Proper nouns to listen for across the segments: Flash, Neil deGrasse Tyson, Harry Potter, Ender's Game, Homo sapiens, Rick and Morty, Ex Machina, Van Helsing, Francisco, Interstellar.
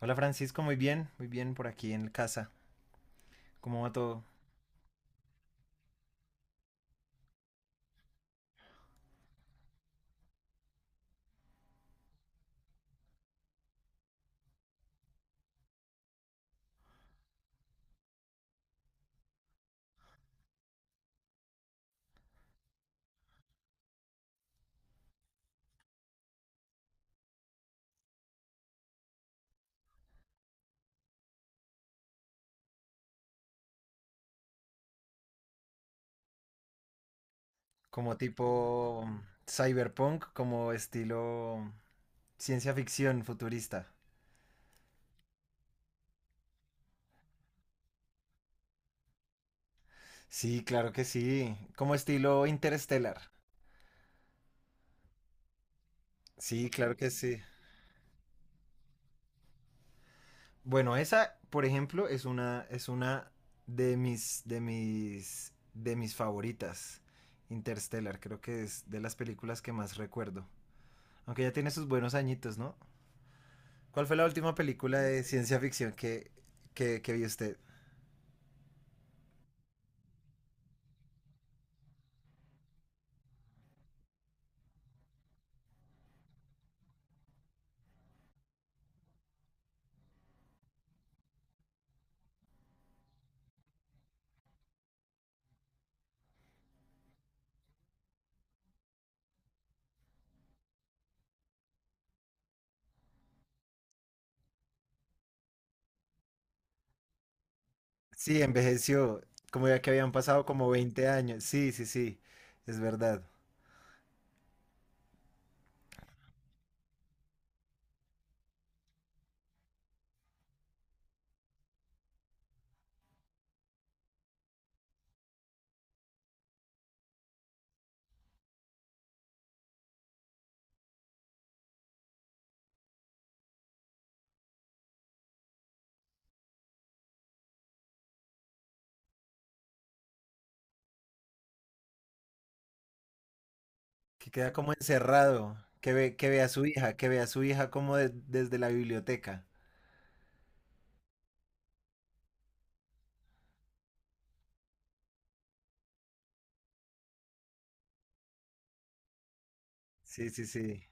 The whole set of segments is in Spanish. Hola Francisco, muy bien por aquí en casa. ¿Cómo va todo? Como tipo cyberpunk, como estilo ciencia ficción futurista. Sí, claro que sí. Como estilo Interstellar. Sí, claro que sí. Bueno, esa, por ejemplo, es una de mis favoritas. Interstellar, creo que es de las películas que más recuerdo. Aunque ya tiene sus buenos añitos, ¿no? ¿Cuál fue la última película de ciencia ficción que vio usted? Sí, envejeció, como ya que habían pasado como 20 años. Sí, sí, sí, es verdad. Que queda como encerrado, que ve a su hija como desde la biblioteca. Sí, sí, sí.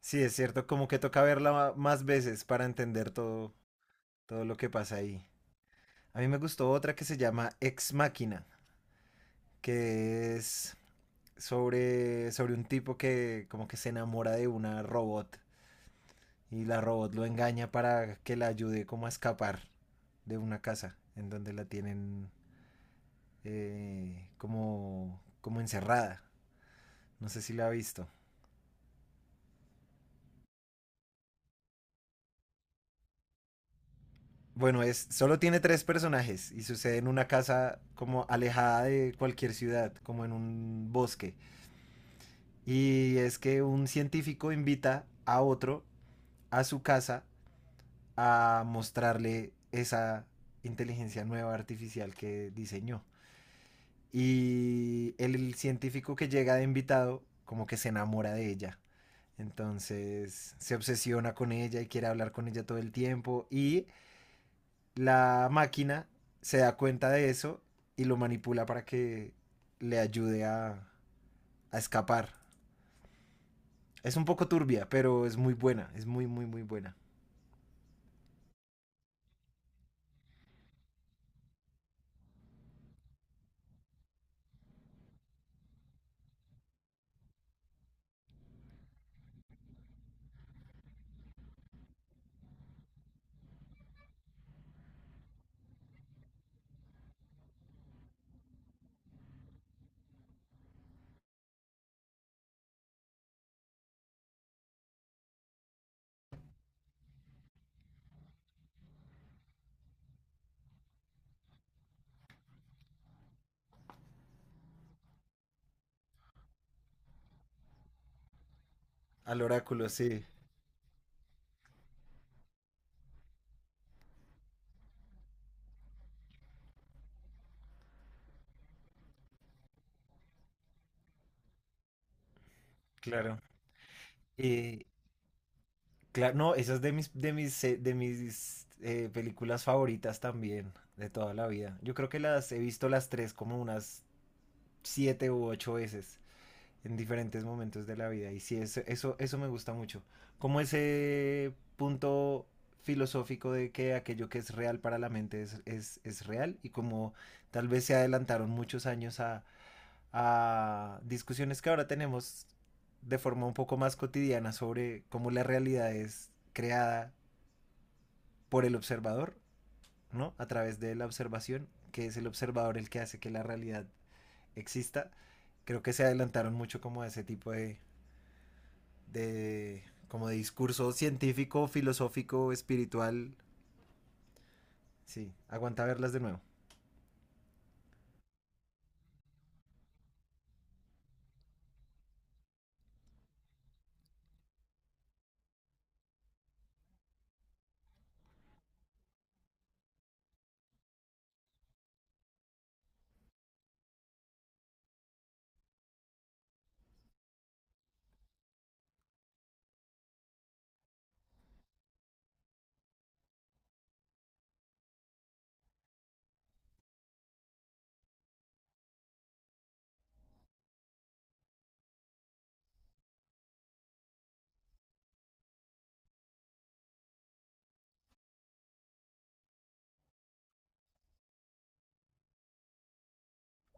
Sí, es cierto, como que toca verla más veces para entender todo lo que pasa ahí. A mí me gustó otra que se llama Ex Machina, que es sobre un tipo que como que se enamora de una robot. Y la robot lo engaña para que la ayude como a escapar de una casa en donde la tienen como encerrada. No sé si la ha visto. Bueno, solo tiene tres personajes y sucede en una casa como alejada de cualquier ciudad, como en un bosque. Y es que un científico invita a otro a su casa a mostrarle esa inteligencia nueva artificial que diseñó. Y el científico que llega de invitado como que se enamora de ella. Entonces se obsesiona con ella y quiere hablar con ella todo el tiempo. Y la máquina se da cuenta de eso y lo manipula para que le ayude a escapar. Es un poco turbia, pero es muy buena. Es muy, muy, muy buena. Al oráculo, sí, claro. Y, Claro, no, esa es de mis películas favoritas también, de toda la vida. Yo creo que las he visto las tres como unas siete u ocho veces en diferentes momentos de la vida. Y sí, eso me gusta mucho. Como ese punto filosófico de que aquello que es real para la mente es real y como tal vez se adelantaron muchos años a discusiones que ahora tenemos de forma un poco más cotidiana sobre cómo la realidad es creada por el observador, ¿no? A través de la observación, que es el observador el que hace que la realidad exista. Creo que se adelantaron mucho como a ese tipo de como de discurso científico, filosófico, espiritual. Sí, aguanta verlas de nuevo.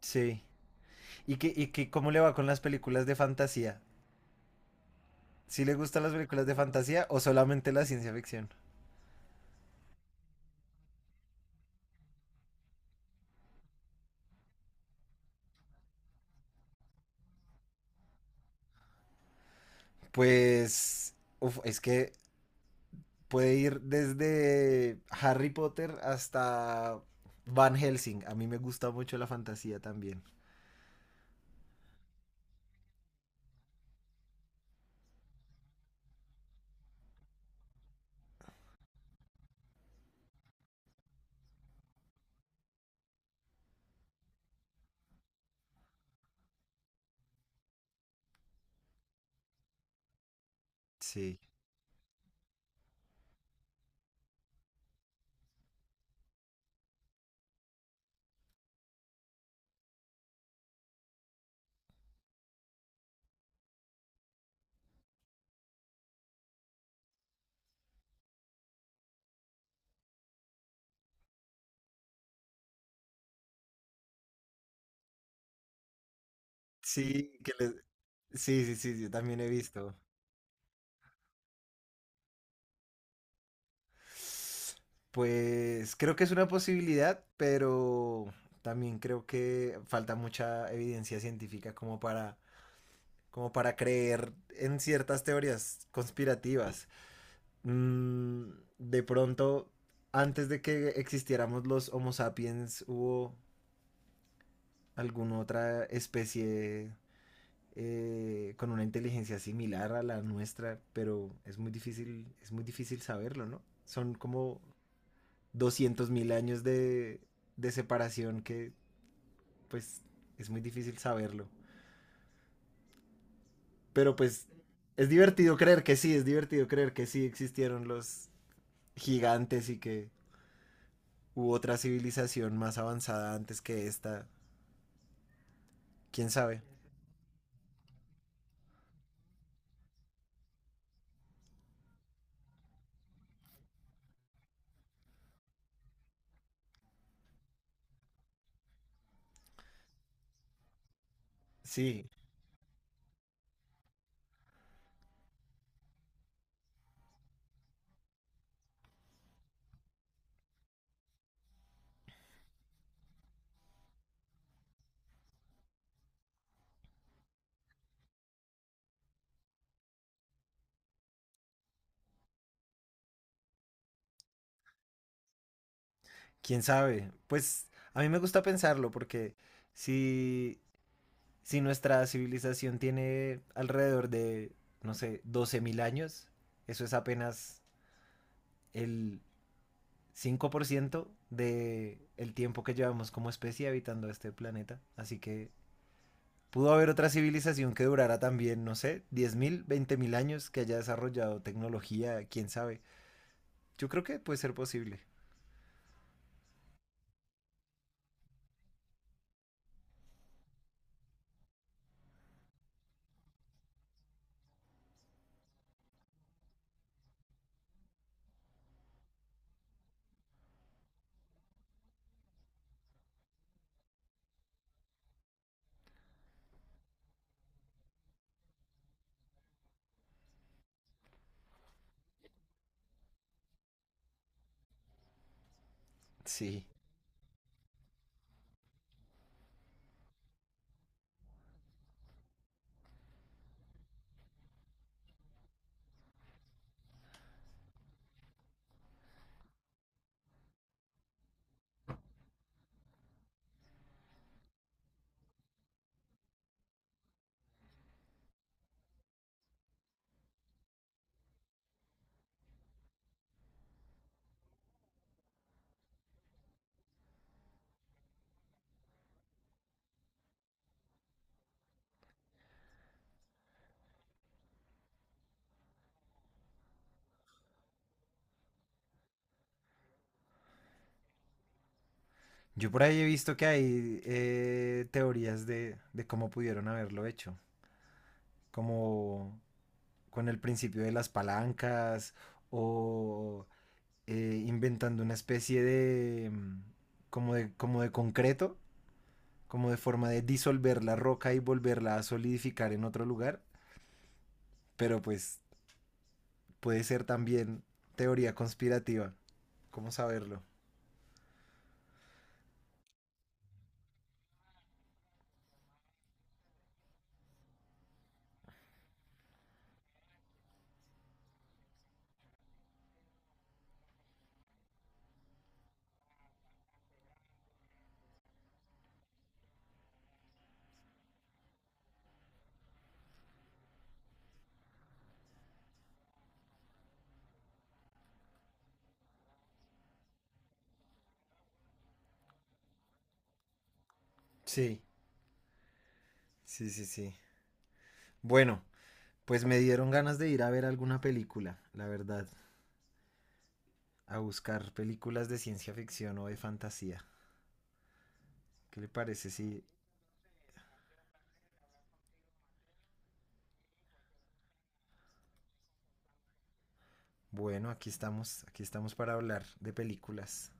Sí. ¿Cómo le va con las películas de fantasía? ¿Si ¿Sí le gustan las películas de fantasía o solamente la ciencia ficción? Pues, uf, es que puede ir desde Harry Potter hasta Van Helsing. A mí me gusta mucho la fantasía también. Sí. Sí, sí, sí, sí, yo también he visto. Pues creo que es una posibilidad, pero también creo que falta mucha evidencia científica como para creer en ciertas teorías conspirativas. Mm, de pronto, antes de que existiéramos los Homo sapiens, hubo alguna otra especie con una inteligencia similar a la nuestra, pero es muy difícil saberlo, ¿no? Son como 200.000 años de separación que pues es muy difícil saberlo. Pero pues es divertido creer que sí existieron los gigantes y que hubo otra civilización más avanzada antes que esta. ¿Quién sabe? Sí, ¿Quién sabe? Pues a mí me gusta pensarlo porque si, si nuestra civilización tiene alrededor de, no sé, 12.000 años, eso es apenas el 5% del tiempo que llevamos como especie habitando este planeta. Así que pudo haber otra civilización que durara también, no sé, 10.000, 20.000 años, que haya desarrollado tecnología, quién sabe. Yo creo que puede ser posible. Sí. Yo por ahí he visto que hay teorías de cómo pudieron haberlo hecho, como con el principio de las palancas o inventando una especie de como de concreto, como de forma de disolver la roca y volverla a solidificar en otro lugar, pero pues puede ser también teoría conspirativa. ¿Cómo saberlo? Sí, sí, sí, sí. Bueno, pues me dieron ganas de ir a ver alguna película, la verdad. A buscar películas de ciencia ficción o de fantasía. ¿Qué le parece si, bueno, aquí estamos para hablar de películas?